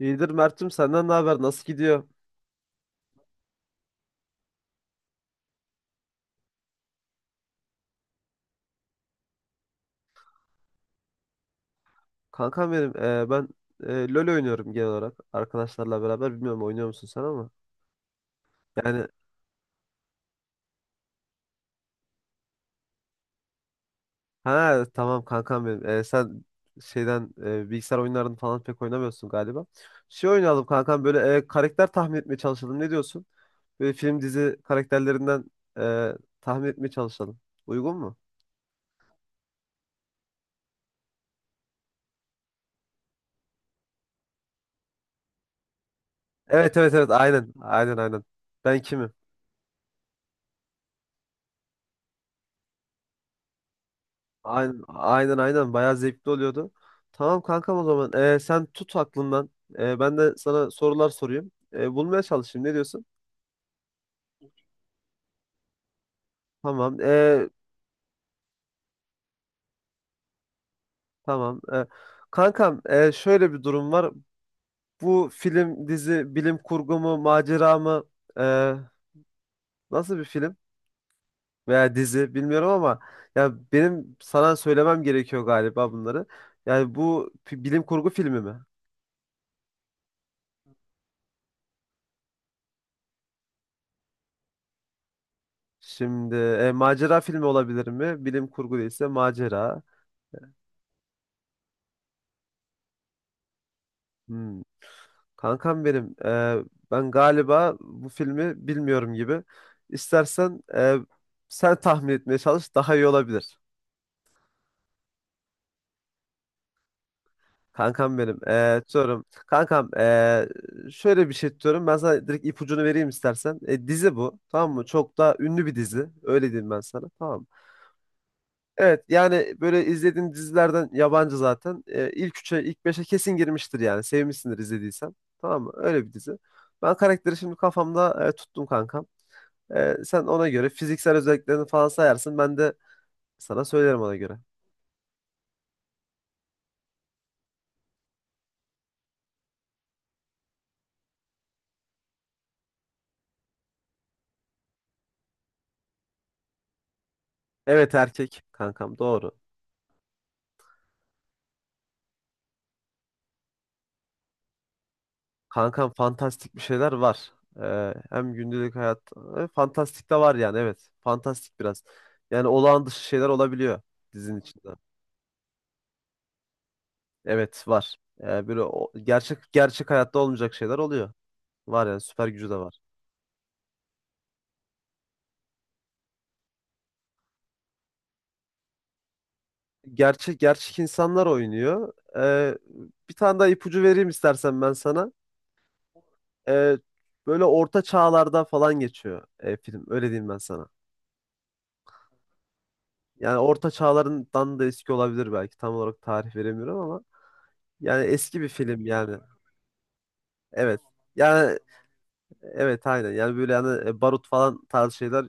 İyidir Mert'cim senden ne haber? Nasıl gidiyor? Kankam benim ben LoL oynuyorum genel olarak arkadaşlarla beraber. Bilmiyorum oynuyor musun sen ama. Yani ha tamam kankam benim. Sen bilgisayar oyunlarını falan pek oynamıyorsun galiba. Şey oynayalım kankam böyle karakter tahmin etmeye çalışalım. Ne diyorsun? Böyle film dizi karakterlerinden e, tahmin etmeye çalışalım. Uygun mu? Evet evet evet, aynen aynen aynen. Ben kimim? Aynen aynen aynen, bayağı zevkli oluyordu. Tamam kankam o zaman. Sen tut aklından. Ben de sana sorular sorayım. Bulmaya çalışayım. Ne diyorsun? Tamam. Tamam. Kankam şöyle bir durum var. Bu film, dizi, bilim kurgu mu, macera mı? Ee, nasıl bir film veya dizi bilmiyorum ama ya benim sana söylemem gerekiyor galiba bunları. Yani bu bilim kurgu filmi mi? Şimdi macera filmi olabilir mi? Bilim kurgu değilse macera. Hmm. Kankam benim, ben galiba bu filmi bilmiyorum gibi. İstersen sen tahmin etmeye çalış, daha iyi olabilir. Kankam benim, diyorum. Kankam, şöyle bir şey diyorum. Ben sana direkt ipucunu vereyim istersen. Dizi bu, tamam mı? Çok da ünlü bir dizi. Öyle diyeyim ben sana, tamam mı? Evet, yani böyle izlediğin dizilerden yabancı zaten. E, ilk üçe, ilk beşe kesin girmiştir yani. Sevmişsindir izlediysen. Tamam mı? Öyle bir dizi. Ben karakteri şimdi kafamda tuttum kankam. Sen ona göre fiziksel özelliklerini falan sayarsın. Ben de sana söylerim ona göre. Evet erkek kankam, doğru. Kankam fantastik bir şeyler var. Hem gündelik hayat fantastik de var yani, evet. Fantastik biraz. Yani olağan dışı şeyler olabiliyor dizinin içinde. Evet var. Böyle gerçek gerçek hayatta olmayacak şeyler oluyor. Var yani, süper gücü de var. Gerçek gerçek insanlar oynuyor. Bir tane daha ipucu vereyim istersen ben sana. Ee, böyle orta çağlarda falan geçiyor film. Öyle diyeyim ben sana. Yani orta çağlarından da eski olabilir belki. Tam olarak tarih veremiyorum ama yani eski bir film yani. Evet. Yani evet, aynen. Yani böyle yani barut falan tarzı şeyler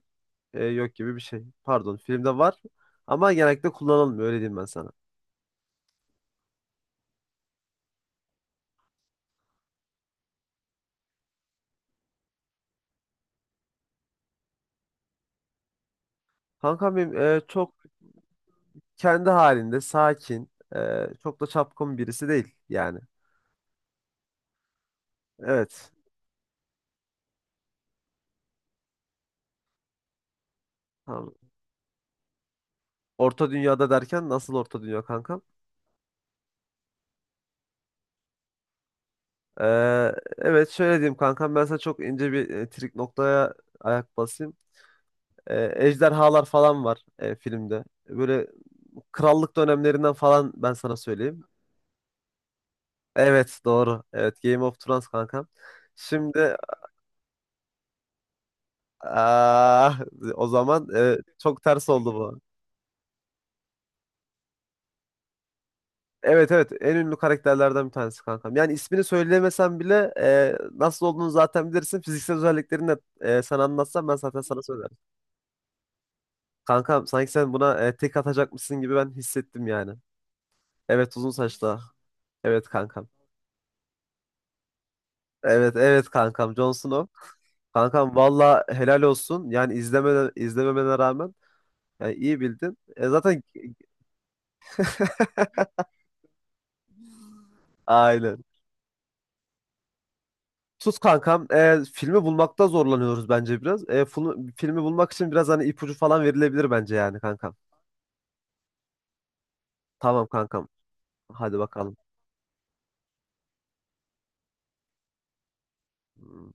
yok gibi bir şey. Pardon, filmde var ama genellikle kullanılmıyor, öyle diyeyim ben sana. Kankam benim çok kendi halinde sakin, çok da çapkın birisi değil yani. Evet. Tamam. Orta dünyada derken nasıl orta dünya kankam? E, evet, şöyle diyeyim kankam ben sana, çok ince bir trik noktaya ayak basayım. Ejderhalar falan var filmde. Böyle krallık dönemlerinden falan ben sana söyleyeyim. Evet doğru. Evet, Game of Thrones kankam. Şimdi, ah, o zaman çok ters oldu bu. Evet evet, en ünlü karakterlerden bir tanesi kankam. Yani ismini söylemesem bile nasıl olduğunu zaten bilirsin. Fiziksel özelliklerini de sana anlatsam ben zaten sana söylerim. Kankam sanki sen buna tek atacakmışsın gibi ben hissettim yani. Evet, uzun saçlı. Evet kankam. Evet evet kankam, Jon Snow. Kankam valla helal olsun. Yani izleme, izlememene rağmen yani iyi bildin. Zaten aynen. Tuz kankam. Filmi bulmakta zorlanıyoruz bence biraz. Filmi bulmak için biraz hani ipucu falan verilebilir bence yani kankam. Tamam kankam. Hadi bakalım. Hmm,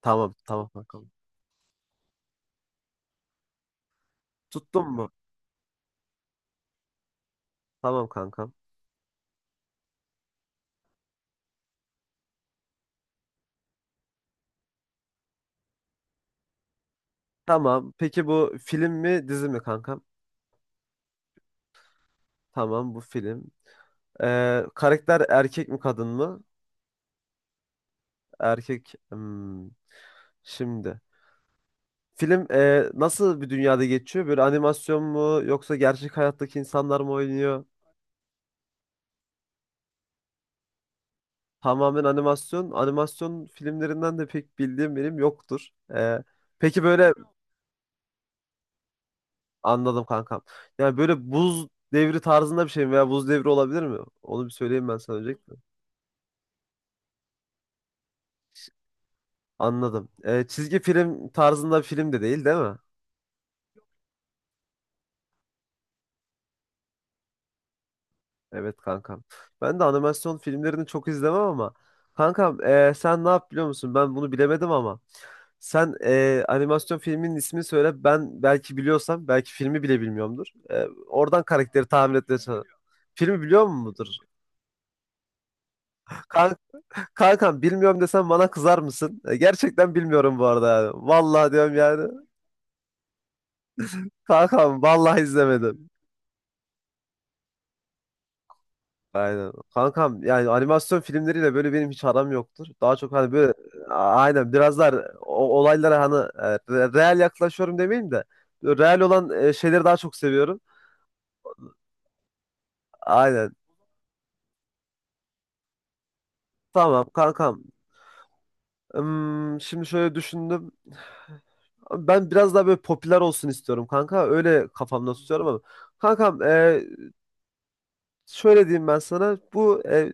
Tamam tamam kankam. Tuttun mu? Tamam kankam. Tamam. Peki bu film mi dizi mi kankam? Tamam, bu film. Karakter erkek mi kadın mı? Erkek. Hmm. Şimdi. Film nasıl bir dünyada geçiyor? Böyle animasyon mu yoksa gerçek hayattaki insanlar mı oynuyor? Tamamen animasyon. Animasyon filmlerinden de pek bildiğim benim yoktur. Ee, peki böyle, anladım kankam. Yani böyle buz devri tarzında bir şey mi veya buz devri olabilir mi? Onu bir söyleyeyim ben sana öncelikle. Anladım. Çizgi film tarzında bir film de değil, değil mi? Evet kankam. Ben de animasyon filmlerini çok izlemem ama kankam sen ne yap biliyor musun? Ben bunu bilemedim ama sen animasyon filminin ismini söyle. Ben belki biliyorsam, belki filmi bile bilmiyorumdur. Oradan karakteri tahmin etmeye çalış. Filmi biliyor mudur? Kan kankam bilmiyorum desem bana kızar mısın? Gerçekten bilmiyorum bu arada yani. Vallahi diyorum yani. Kankam vallahi izlemedim. Aynen. Kankam yani animasyon filmleriyle böyle benim hiç aram yoktur. Daha çok hani böyle aynen biraz daha olaylara hani real yaklaşıyorum demeyeyim de real olan şeyleri daha çok seviyorum. Aynen. Tamam kankam. Şimdi şöyle düşündüm. Ben biraz daha böyle popüler olsun istiyorum kanka. Öyle kafamda tutuyorum ama. Kankam şöyle diyeyim ben sana. Bu e,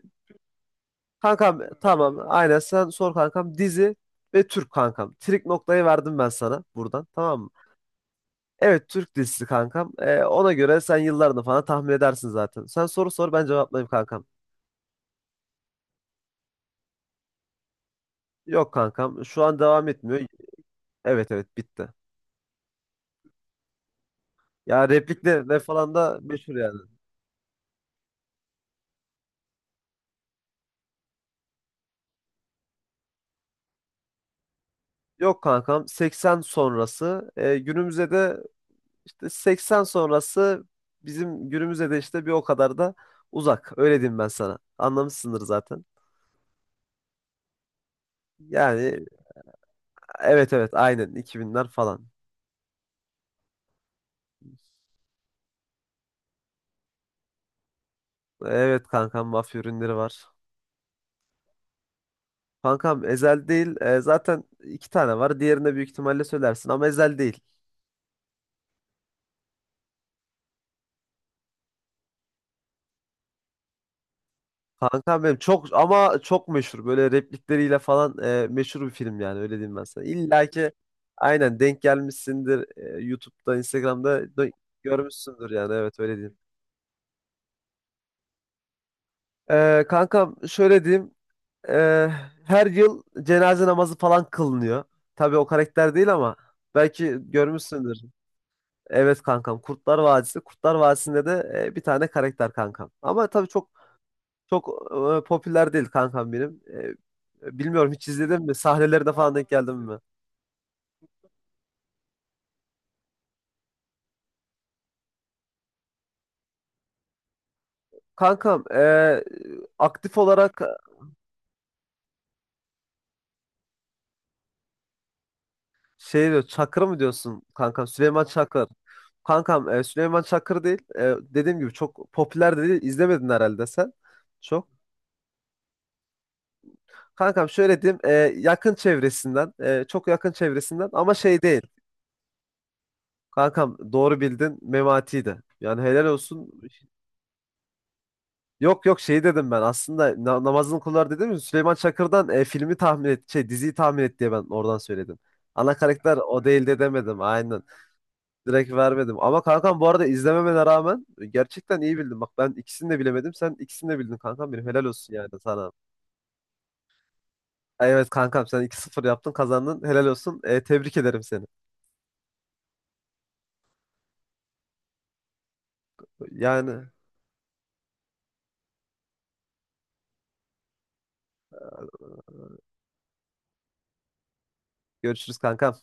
kankam tamam, aynen sen sor kankam, dizi ve Türk kankam. Trik noktayı verdim ben sana buradan, tamam mı? Evet, Türk dizisi kankam. Ona göre sen yıllarını falan tahmin edersin zaten. Sen soru sor, ben cevaplayayım kankam. Yok kankam, şu an devam etmiyor. Evet evet, bitti. Ya repliklerle falan da meşhur yani. Yok kankam, 80 sonrası günümüze de işte 80 sonrası, bizim günümüze de işte bir o kadar da uzak. Öyle diyeyim ben sana. Anlamışsındır zaten. Yani evet evet aynen, 2000'ler falan. Evet kankam, mafya ürünleri var. Kankam, Ezel değil. Zaten iki tane var. Diğerini büyük ihtimalle söylersin ama Ezel değil. Kankam benim, çok ama çok meşhur. Böyle replikleriyle falan meşhur bir film yani, öyle diyeyim ben sana. İlla ki aynen denk gelmişsindir. YouTube'da, Instagram'da da görmüşsündür yani, evet, öyle diyeyim. Kankam şöyle diyeyim. E, her yıl cenaze namazı falan kılınıyor. Tabii o karakter değil ama belki görmüşsündür. Evet kankam, Kurtlar Vadisi. Kurtlar Vadisi'nde de bir tane karakter kankam. Ama tabii çok çok popüler değil kankam benim. Bilmiyorum, hiç izledin mi? Sahnelerine falan denk geldin mi? Kankam aktif olarak şey diyor, Çakır mı diyorsun kankam? Süleyman Çakır. Kankam Süleyman Çakır değil. Dediğim gibi çok popüler de değil. İzlemedin herhalde sen. Çok. Kankam şöyle diyeyim, yakın çevresinden çok yakın çevresinden ama şey değil. Kankam doğru bildin, Memati'ydi. Yani helal olsun. Yok yok, şey dedim ben aslında, namazını kılar dedim ya Süleyman Çakır'dan, filmi tahmin et şey diziyi tahmin et diye ben oradan söyledim. Ana karakter o değil de demedim aynen. Direkt vermedim. Ama kankam bu arada izlememene rağmen gerçekten iyi bildin. Bak ben ikisini de bilemedim. Sen ikisini de bildin kankam benim. Helal olsun yani sana. Evet kankam, sen 2-0 yaptın, kazandın. Helal olsun. Tebrik ederim seni. Yani görüşürüz kankam.